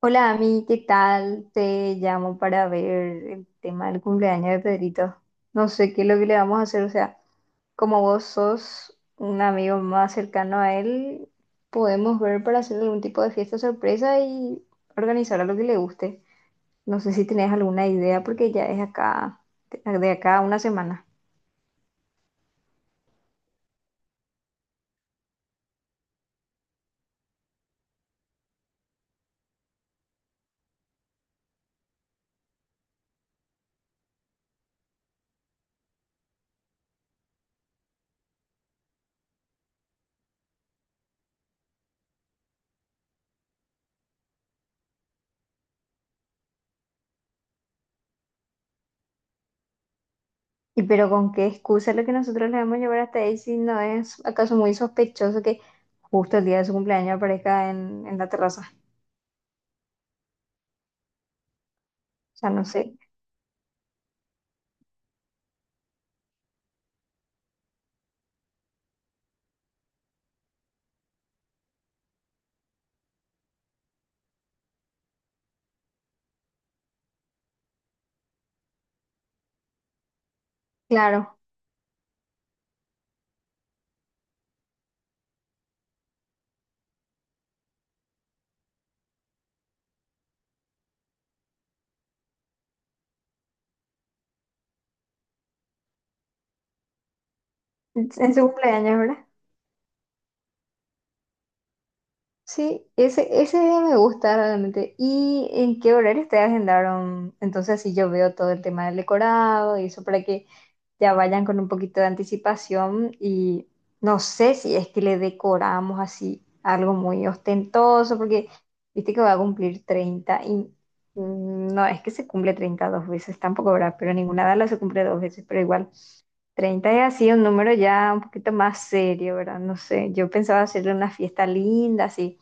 Hola, Ami, ¿qué tal? Te llamo para ver el tema del cumpleaños de Pedrito. No sé qué es lo que le vamos a hacer, o sea, como vos sos un amigo más cercano a él, podemos ver para hacer algún tipo de fiesta sorpresa y organizar a lo que le guste. No sé si tenés alguna idea porque ya es acá, de acá a una semana. ¿Y pero con qué excusa lo que nosotros le vamos a llevar hasta ahí, si no es acaso muy sospechoso que justo el día de su cumpleaños aparezca en la terraza? O sea, no sé. Claro, en su cumpleaños, ¿verdad? Sí, ese día me gusta realmente. ¿Y en qué horario te agendaron? Entonces, así yo veo todo el tema del decorado y eso para que ya vayan con un poquito de anticipación. Y no sé si es que le decoramos así algo muy ostentoso, porque viste que va a cumplir 30 no es que se cumple 30 dos veces, tampoco, ¿verdad? Pero ninguna de las se cumple dos veces, pero igual. 30 es así un número ya un poquito más serio, ¿verdad? No sé, yo pensaba hacerle una fiesta linda, así,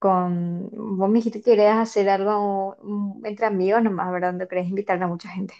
con... Vos me dijiste que querías hacer algo entre amigos nomás, ¿verdad? Donde querés invitar a mucha gente.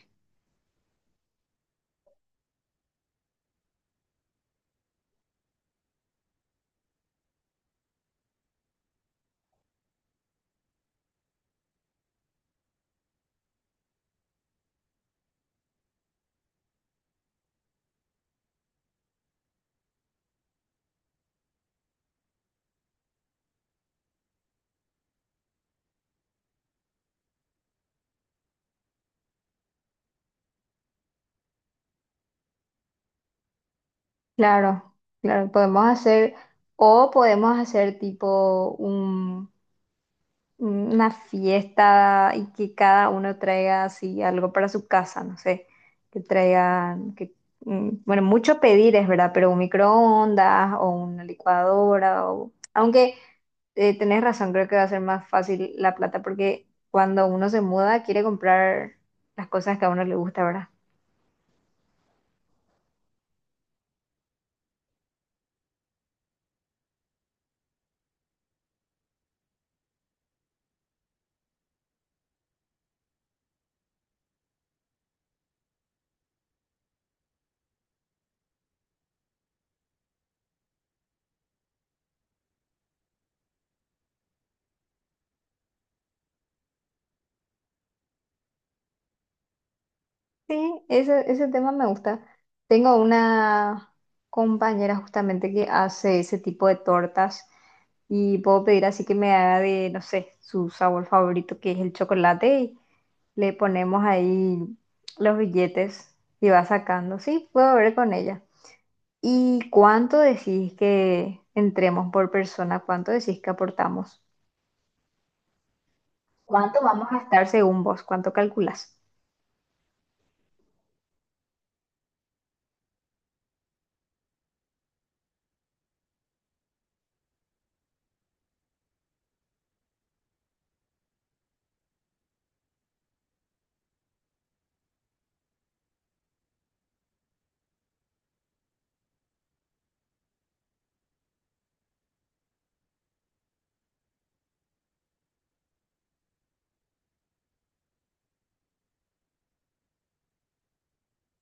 Claro, claro, podemos hacer, o podemos hacer tipo una fiesta y que cada uno traiga así algo para su casa, no sé, que traigan, que, mm, bueno, mucho pedir es verdad, pero un microondas o una licuadora, o, aunque tenés razón, creo que va a ser más fácil la plata porque cuando uno se muda quiere comprar las cosas que a uno le gusta, ¿verdad? Sí, ese tema me gusta. Tengo una compañera justamente que hace ese tipo de tortas y puedo pedir así que me haga de, no sé, su sabor favorito que es el chocolate y le ponemos ahí los billetes y va sacando. Sí, puedo ver con ella. ¿Y cuánto decís que entremos por persona? ¿Cuánto decís que aportamos? ¿Cuánto vamos a estar según vos? ¿Cuánto calculás?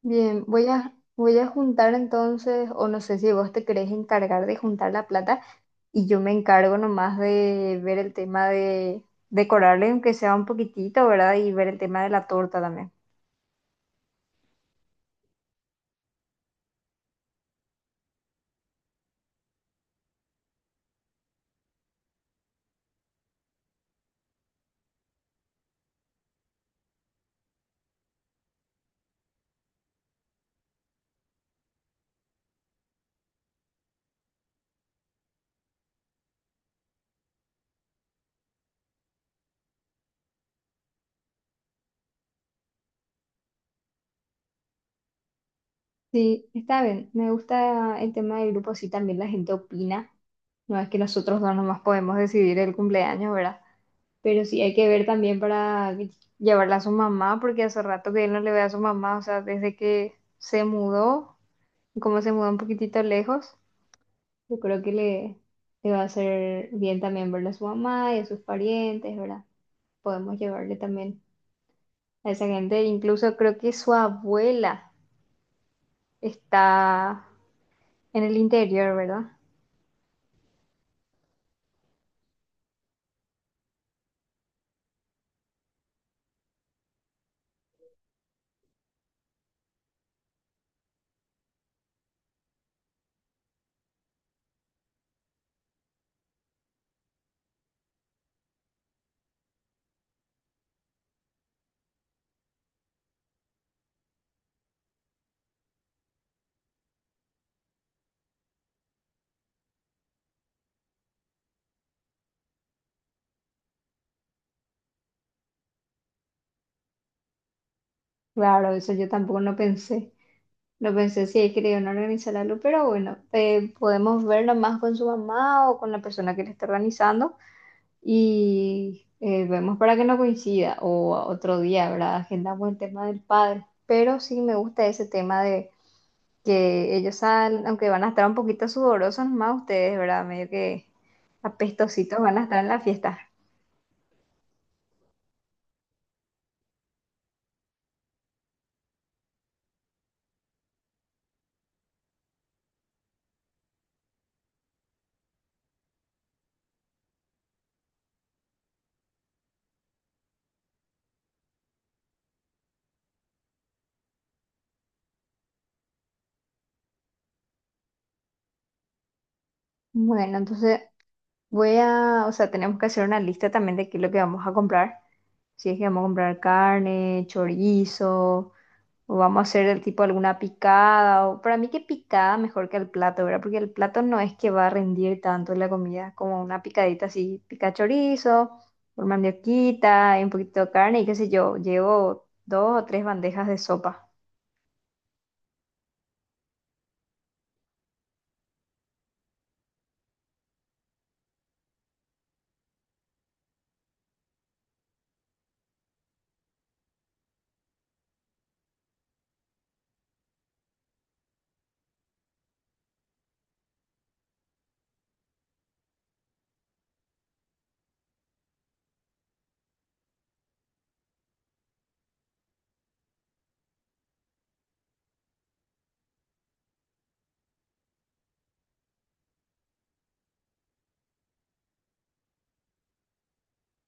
Bien, voy a juntar entonces, o no sé si vos te querés encargar de juntar la plata y yo me encargo nomás de ver el tema de decorarle, aunque sea un poquitito, ¿verdad? Y ver el tema de la torta también. Sí, está bien, me gusta el tema del grupo, sí, también la gente opina. No es que nosotros dos nomás podemos decidir el cumpleaños, ¿verdad? Pero sí hay que ver también para llevarla a su mamá, porque hace rato que él no le ve a su mamá, o sea, desde que se mudó, como se mudó un poquitito lejos, yo creo que le va a hacer bien también verle a su mamá y a sus parientes, ¿verdad? Podemos llevarle también a esa gente. Incluso creo que su abuela está en el interior, ¿verdad? Claro, eso yo tampoco no pensé. No pensé si ahí querían organizar algo, pero bueno, podemos ver nomás con su mamá o con la persona que le está organizando y vemos para que no coincida o otro día, ¿verdad? Agendamos el tema del padre. Pero sí me gusta ese tema de que ellos salen, aunque van a estar un poquito sudorosos más ustedes, ¿verdad? Medio que apestositos van a estar en la fiesta. Bueno, entonces voy a, o sea, tenemos que hacer una lista también de qué es lo que vamos a comprar. Si es que vamos a comprar carne, chorizo, o vamos a hacer el tipo alguna picada, o para mí que picada mejor que el plato, ¿verdad? Porque el plato no es que va a rendir tanto la comida como una picadita así, pica chorizo, por mandioquita, y un poquito de carne y qué sé yo, llevo dos o tres bandejas de sopa.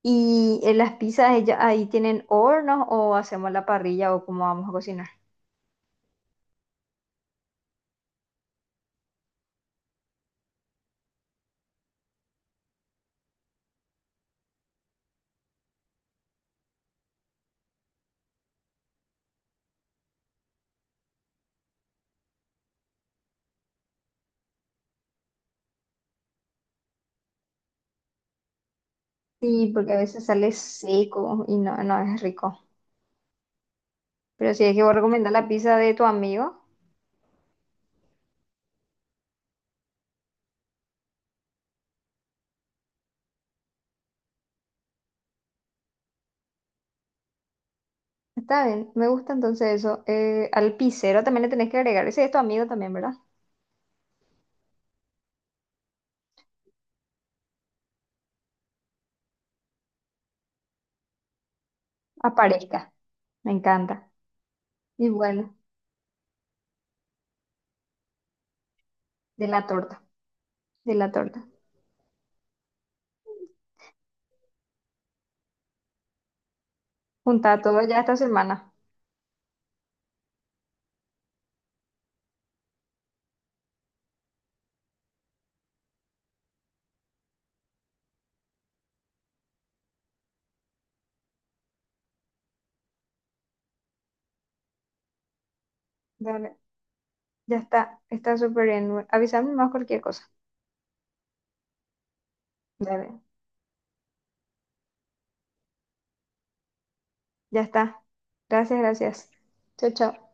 ¿Y en las pizzas ahí tienen hornos o hacemos la parrilla o cómo vamos a cocinar? Sí, porque a veces sale seco y no, no es rico. Pero si es que vos recomendar la pizza de tu amigo. Está bien, me gusta entonces eso. Al pisero también le tenés que agregar. Ese es tu amigo también, ¿verdad? Aparezca, me encanta. Y bueno, de la torta, de la torta. Junta todo ya esta semana. Dale, ya está, está súper bien. Avísame más cualquier cosa. Dale, ya está. Gracias, gracias. Chao, chao.